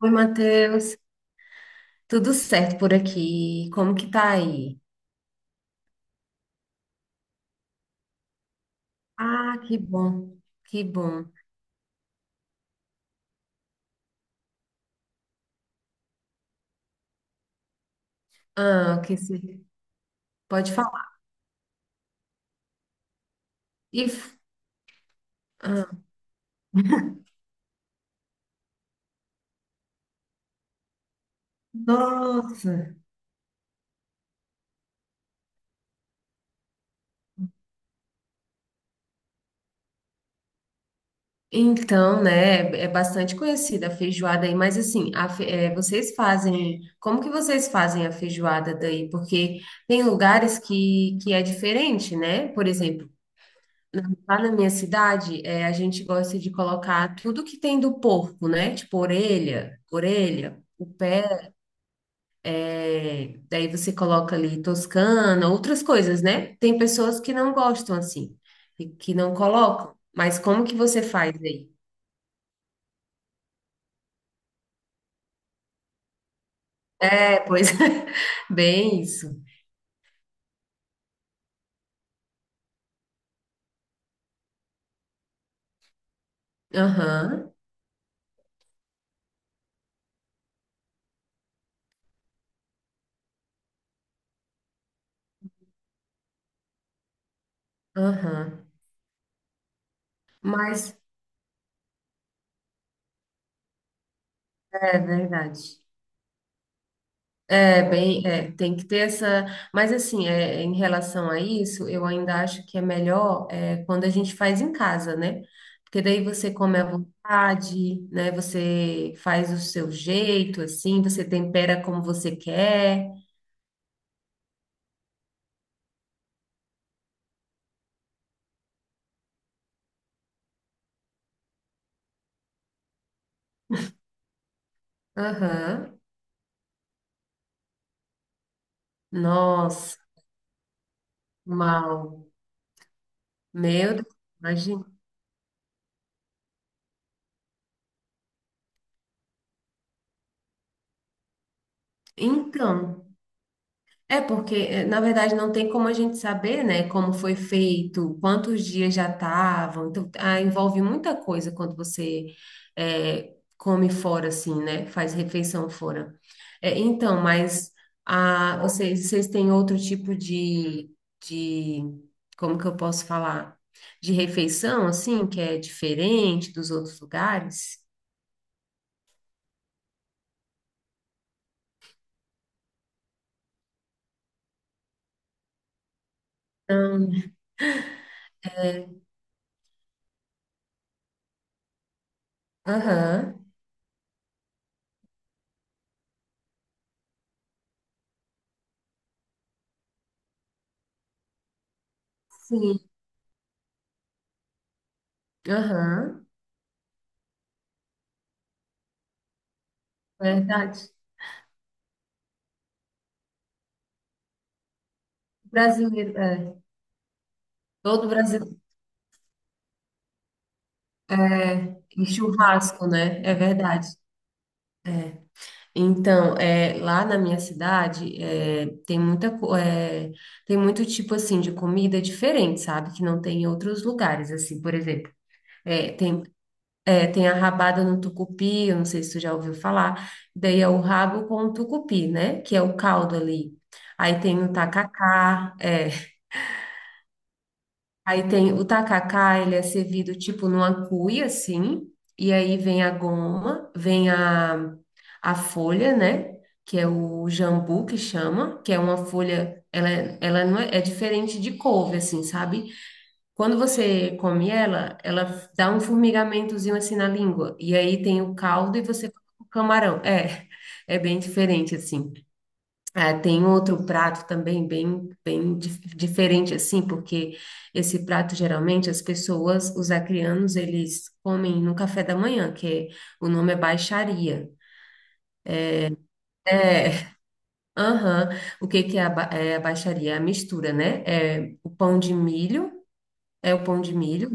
Oi, Matheus. Tudo certo por aqui? Como que tá aí? Ah, que bom, que bom. Ah, o que se pode falar? E, f- ah, nossa. Então, né? É bastante conhecida a feijoada aí, mas assim, vocês fazem. Como que vocês fazem a feijoada daí? Porque tem lugares que é diferente, né? Por exemplo. Lá na minha cidade, a gente gosta de colocar tudo que tem do porco, né? Tipo orelha, o pé. É, daí você coloca ali Toscana, outras coisas, né? Tem pessoas que não gostam assim, e que não colocam. Mas como que você faz aí? É, pois é, bem isso. Aham, aham. Mas é verdade. Tem que ter essa. Mas assim, é, em relação a isso, eu ainda acho que é melhor quando a gente faz em casa, né? Porque daí você come à vontade, né? Você faz o seu jeito, assim, você tempera como você quer. Aham. Nossa, mal. Meu Deus, imagina. Então. É porque, na verdade, não tem como a gente saber, né, como foi feito, quantos dias já estavam. Então, ah, envolve muita coisa quando você come fora, assim, né, faz refeição fora. Eh, então, mas ah, vocês têm outro tipo de, como que eu posso falar? De refeição, assim, que é diferente dos outros lugares? Não. Né? Aham, sim, aham, verdade. Brasileiro, é. Todo brasileiro é em churrasco, né? É verdade. É. Então, é, lá na minha cidade, é, tem muito tipo assim de comida diferente, sabe? Que não tem em outros lugares, assim, por exemplo. É, tem, é, tem a rabada no tucupi, eu não sei se tu já ouviu falar. Daí é o rabo com o tucupi, né? Que é o caldo ali. Aí tem o tacacá, é, Aí tem o tacacá, ele é servido tipo numa cuia, assim, e aí vem a goma, a folha, né? Que é o jambu que chama, que é uma folha, ela não é, é diferente de couve, assim, sabe? Quando você come ela, ela dá um formigamentozinho assim na língua, e aí tem o caldo e você coloca o camarão. É, é bem diferente, assim. É, tem outro prato também diferente assim, porque esse prato geralmente as pessoas, os acrianos, eles comem no café da manhã, o nome é baixaria. É, aham. O que que é a, ba- É a baixaria? É a mistura, né? É o pão de milho, é o pão de milho.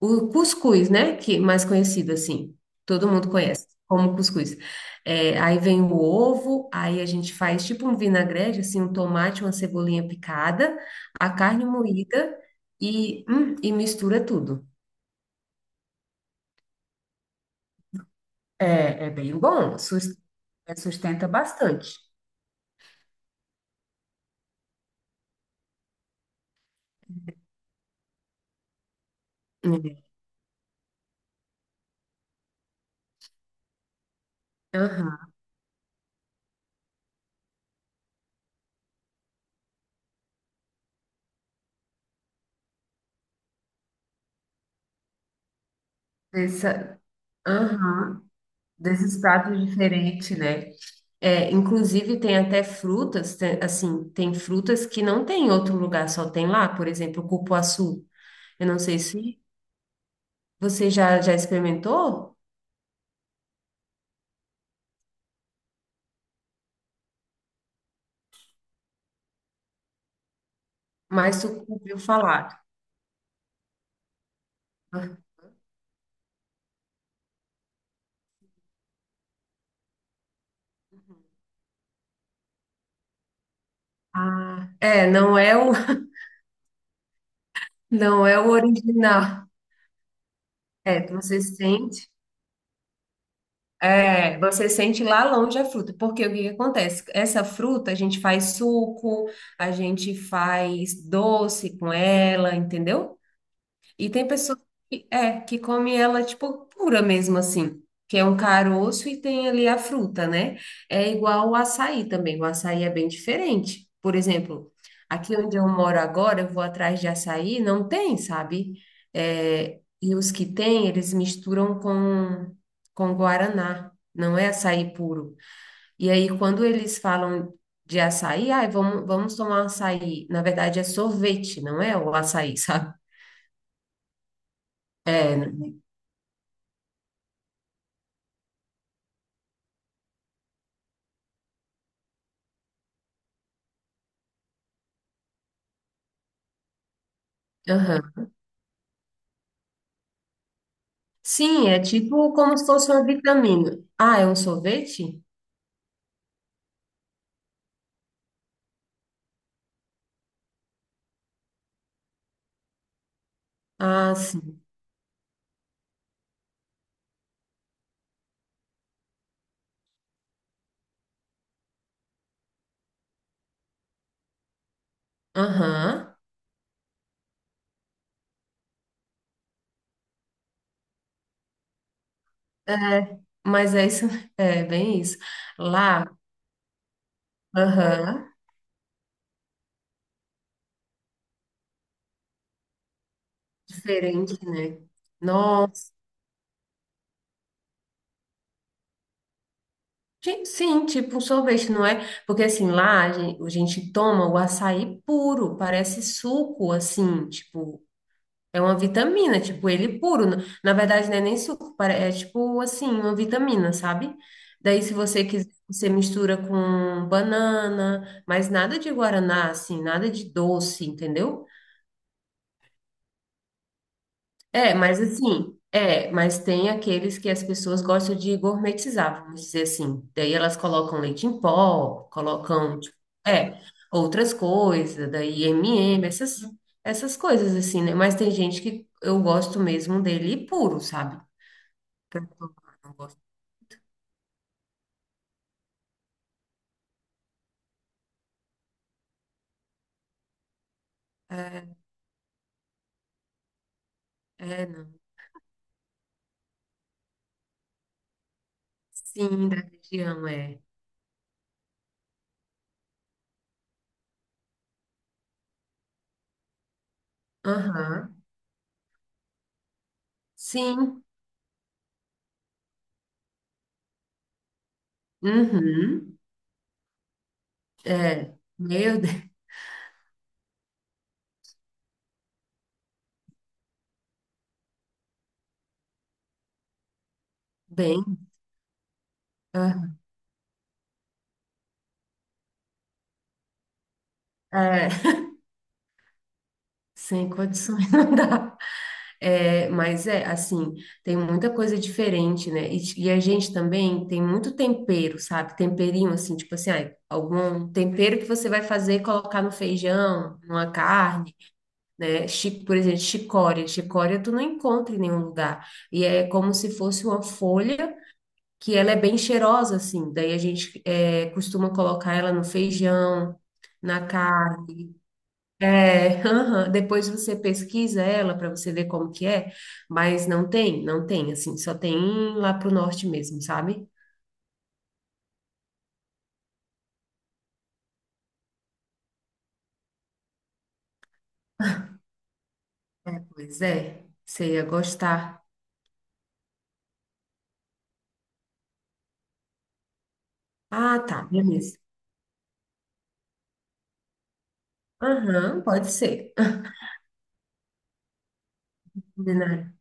O cuscuz, né? Que mais conhecido assim. Todo mundo conhece como cuscuz. É, aí vem o ovo, aí a gente faz tipo um vinagrete, assim, um tomate, uma cebolinha picada, a carne moída e mistura tudo. É, é, sustenta bastante. Uhum. Aham. Essa- aham. Desses pratos diferentes, né? É, inclusive tem até frutas, tem- assim, tem frutas que não tem em outro lugar, só tem lá, por exemplo, o cupuaçu. Eu não sei se você já experimentou, mas tu ouviu falar. Ah, é, não é o original. É, você sente, é, você sente lá longe a fruta, porque o que que acontece? Essa fruta a gente faz suco, a gente faz doce com ela, entendeu? E tem pessoas que, é, que come ela, tipo, pura mesmo, assim. Que é um caroço e tem ali a fruta, né? É igual o açaí também. O açaí é bem diferente. Por exemplo, aqui onde eu moro agora, eu vou atrás de açaí, não tem, sabe? É, e os que tem, eles com guaraná. Não é açaí puro. E aí, quando eles falam de açaí, ai, vamos tomar açaí. Na verdade, é sorvete, não é o açaí, sabe? É, né? Aham. Sim, é tipo como se fosse uma vitamina. Ah, é um sorvete? Ah, sim. Aham. É, mas é isso, é bem isso. Lá, aham, diferente, né? Nossa, ti- sim, tipo um sorvete, não é? Porque assim, a gente toma o açaí puro, parece suco, assim, tipo. É uma vitamina, tipo, ele puro. Na verdade, não é nem suco, pare- é tipo assim, uma vitamina, sabe? Daí, se você quiser, você mistura com banana, mas nada de guaraná, assim, nada de doce, entendeu? É, mas assim, é, mas tem aqueles que as pessoas gostam de gourmetizar, vamos dizer assim. Daí elas colocam leite em pó, colocam, tipo, é, outras coisas, daí M&M, essas coisas assim, né? Mas tem gente que eu gosto mesmo dele puro, sabe? Tanto não gosto. É, é, não. Sim, da região, é. Aham. Sim. Uhum. É. Meu Deus. Bem. Aham. É. Sem condições não dá. É, mas é assim, tem muita coisa diferente, né? E a gente também tem muito tempero, sabe? Temperinho, assim, tipo assim, ai, algum tempero que você vai fazer e colocar no feijão, numa carne. Né? Chi- Por exemplo, chicória. Chicória tu não encontra em nenhum lugar. E é como se fosse uma folha que ela é bem cheirosa, assim. Daí a gente é, costuma colocar ela no feijão, na carne. É, aham. Depois você pesquisa ela para você ver como que é, mas não tem, assim, só tem lá pro norte mesmo, sabe? Pois é, você ia gostar. Ah, tá, beleza. Aham, pode ser.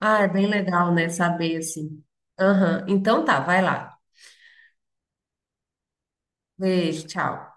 Ah, é bem legal, né? Saber assim. Aham. Então tá, vai lá. Beijo, tchau.